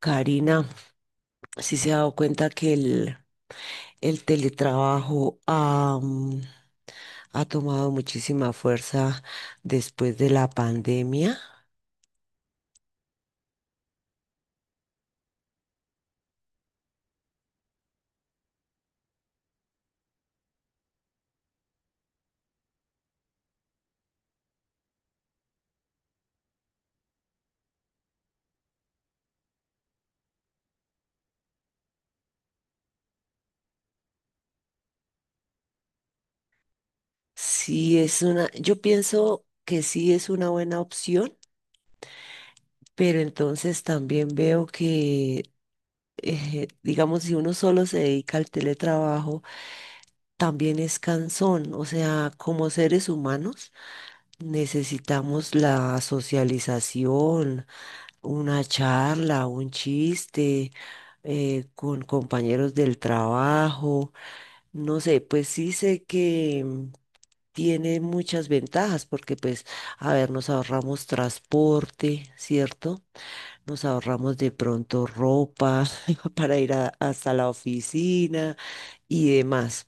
Karina, si se ha dado cuenta que el teletrabajo ha, ha tomado muchísima fuerza después de la pandemia. Sí es una, yo pienso que sí es una buena opción, pero entonces también veo que digamos, si uno solo se dedica al teletrabajo, también es cansón. O sea, como seres humanos necesitamos la socialización, una charla, un chiste. Con compañeros del trabajo, no sé, pues sí sé que tiene muchas ventajas porque pues, a ver, nos ahorramos transporte, ¿cierto? Nos ahorramos de pronto ropa para hasta la oficina y demás.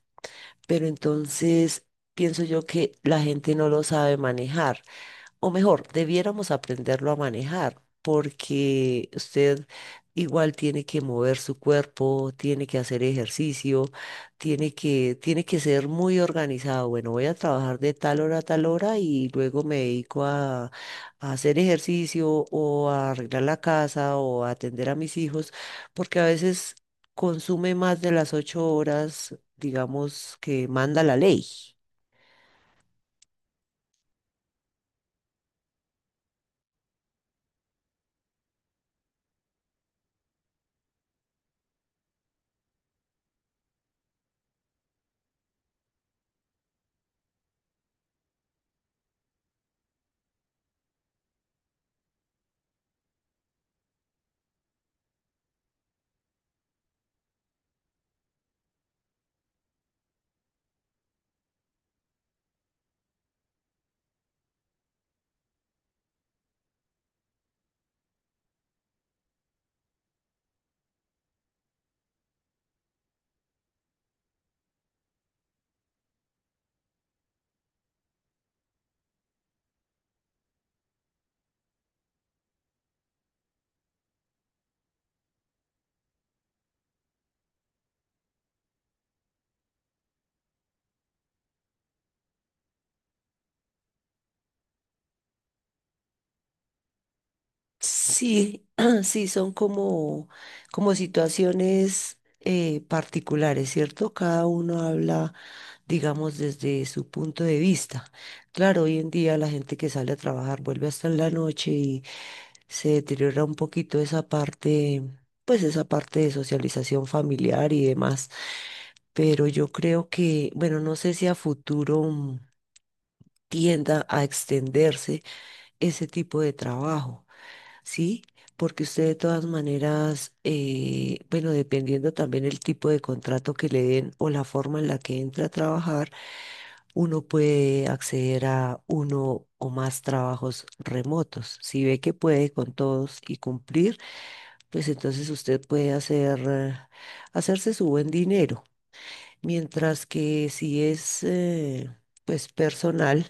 Pero entonces pienso yo que la gente no lo sabe manejar o mejor, debiéramos aprenderlo a manejar, porque usted igual tiene que mover su cuerpo, tiene que hacer ejercicio, tiene que ser muy organizado. Bueno, voy a trabajar de tal hora a tal hora y luego me dedico a hacer ejercicio o a arreglar la casa o a atender a mis hijos, porque a veces consume más de las 8 horas, digamos, que manda la ley. Sí, sí, son como, como situaciones particulares, ¿cierto? Cada uno habla, digamos, desde su punto de vista. Claro, hoy en día la gente que sale a trabajar vuelve hasta en la noche y se deteriora un poquito esa parte, pues esa parte de socialización familiar y demás. Pero yo creo que, bueno, no sé si a futuro tienda a extenderse ese tipo de trabajo. Sí, porque usted de todas maneras, bueno, dependiendo también el tipo de contrato que le den o la forma en la que entra a trabajar, uno puede acceder a uno o más trabajos remotos. Si ve que puede con todos y cumplir, pues entonces usted puede hacerse su buen dinero. Mientras que si es, pues personal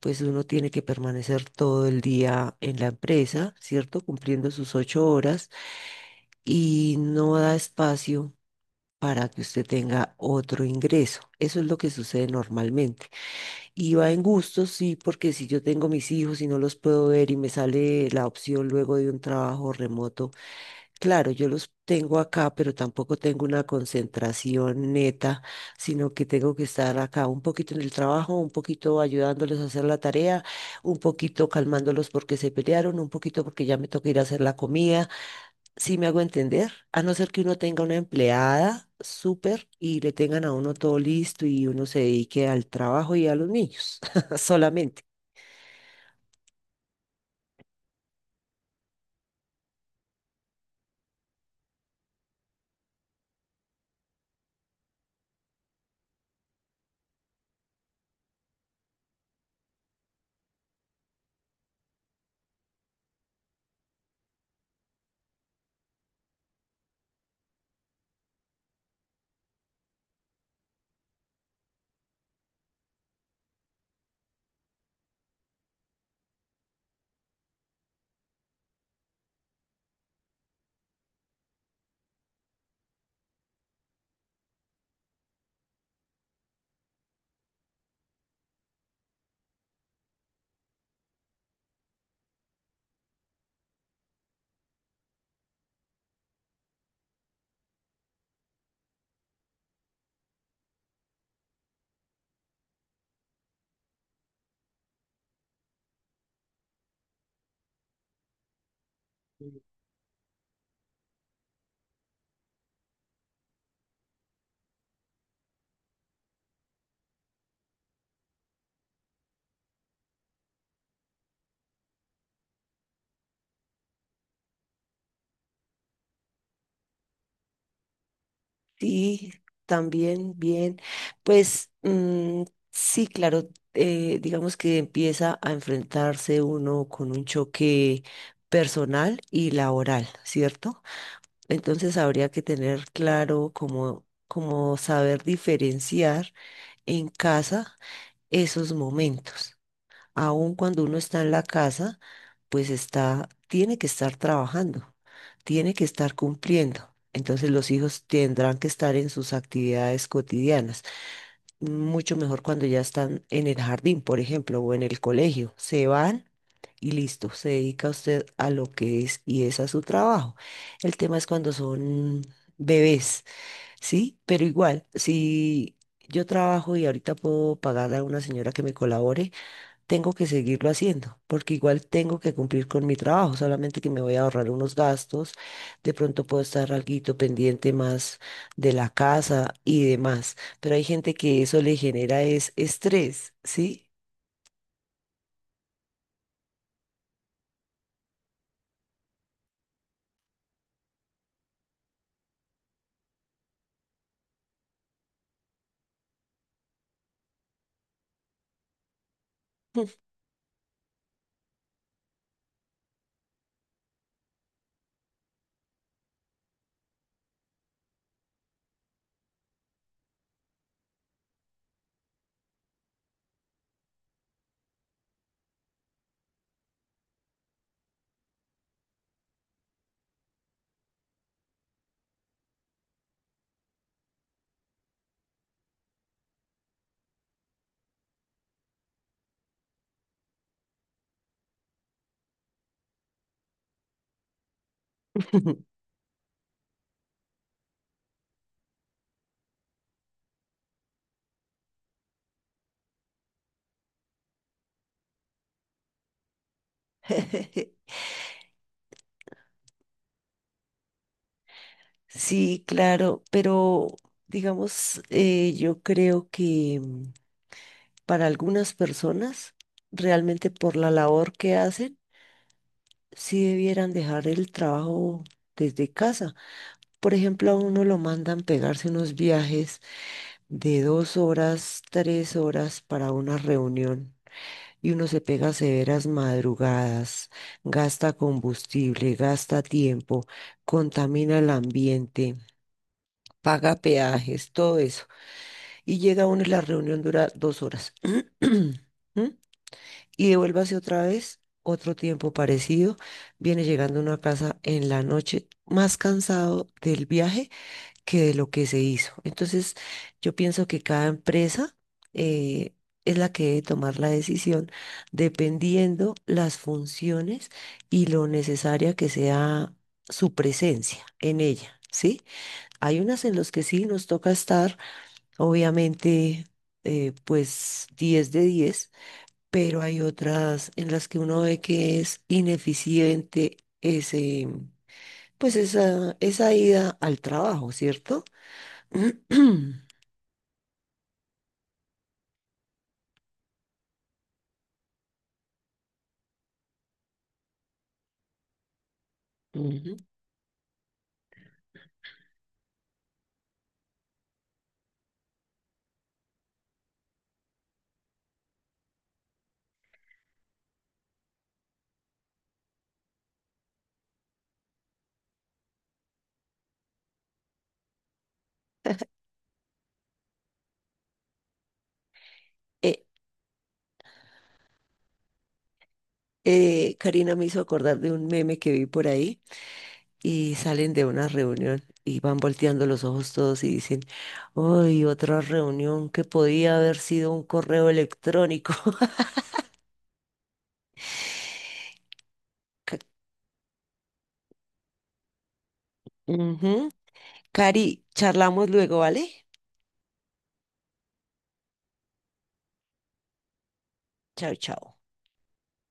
pues uno tiene que permanecer todo el día en la empresa, ¿cierto? Cumpliendo sus 8 horas y no da espacio para que usted tenga otro ingreso. Eso es lo que sucede normalmente. Y va en gustos, sí, porque si yo tengo mis hijos y no los puedo ver y me sale la opción luego de un trabajo remoto. Claro, yo los tengo acá, pero tampoco tengo una concentración neta, sino que tengo que estar acá un poquito en el trabajo, un poquito ayudándoles a hacer la tarea, un poquito calmándolos porque se pelearon, un poquito porque ya me toca ir a hacer la comida. Si me hago entender, a no ser que uno tenga una empleada súper y le tengan a uno todo listo y uno se dedique al trabajo y a los niños solamente. Sí, también, bien. Pues mm, sí, claro, digamos que empieza a enfrentarse uno con un choque personal y laboral, ¿cierto? Entonces habría que tener claro cómo saber diferenciar en casa esos momentos aun cuando uno está en la casa, pues tiene que estar trabajando, tiene que estar cumpliendo. Entonces los hijos tendrán que estar en sus actividades cotidianas. Mucho mejor cuando ya están en el jardín, por ejemplo, o en el colegio. Se van y listo, se dedica usted a lo que es y es a su trabajo. El tema es cuando son bebés, ¿sí? Pero igual, si yo trabajo y ahorita puedo pagarle a una señora que me colabore, tengo que seguirlo haciendo, porque igual tengo que cumplir con mi trabajo, solamente que me voy a ahorrar unos gastos, de pronto puedo estar alguito pendiente más de la casa y demás, pero hay gente que eso le genera es estrés, ¿sí? Sí, claro, pero digamos, yo creo que para algunas personas, realmente por la labor que hacen, sí debieran dejar el trabajo desde casa. Por ejemplo, a uno lo mandan pegarse unos viajes de 2 horas, 3 horas para una reunión y uno se pega severas madrugadas, gasta combustible, gasta tiempo, contamina el ambiente, paga peajes, todo eso. Y llega uno y la reunión dura 2 horas. ¿Mm? Y devuélvase otra vez, otro tiempo parecido. Viene llegando a una casa en la noche más cansado del viaje que de lo que se hizo. Entonces, yo pienso que cada empresa eh, es la que debe tomar la decisión dependiendo las funciones y lo necesaria que sea su presencia en ella, ¿sí? Hay unas en las que sí nos toca estar, obviamente, pues 10 de 10, pero hay otras en las que uno ve que es ineficiente ese... Pues esa ida al trabajo, ¿cierto? Ujú. Eh, Karina me hizo acordar de un meme que vi por ahí y salen de una reunión y van volteando los ojos todos y dicen, ¡Uy, otra reunión que podía haber sido un correo electrónico! Ca- Ujú. Cari, charlamos luego, ¿vale? Chao, chao.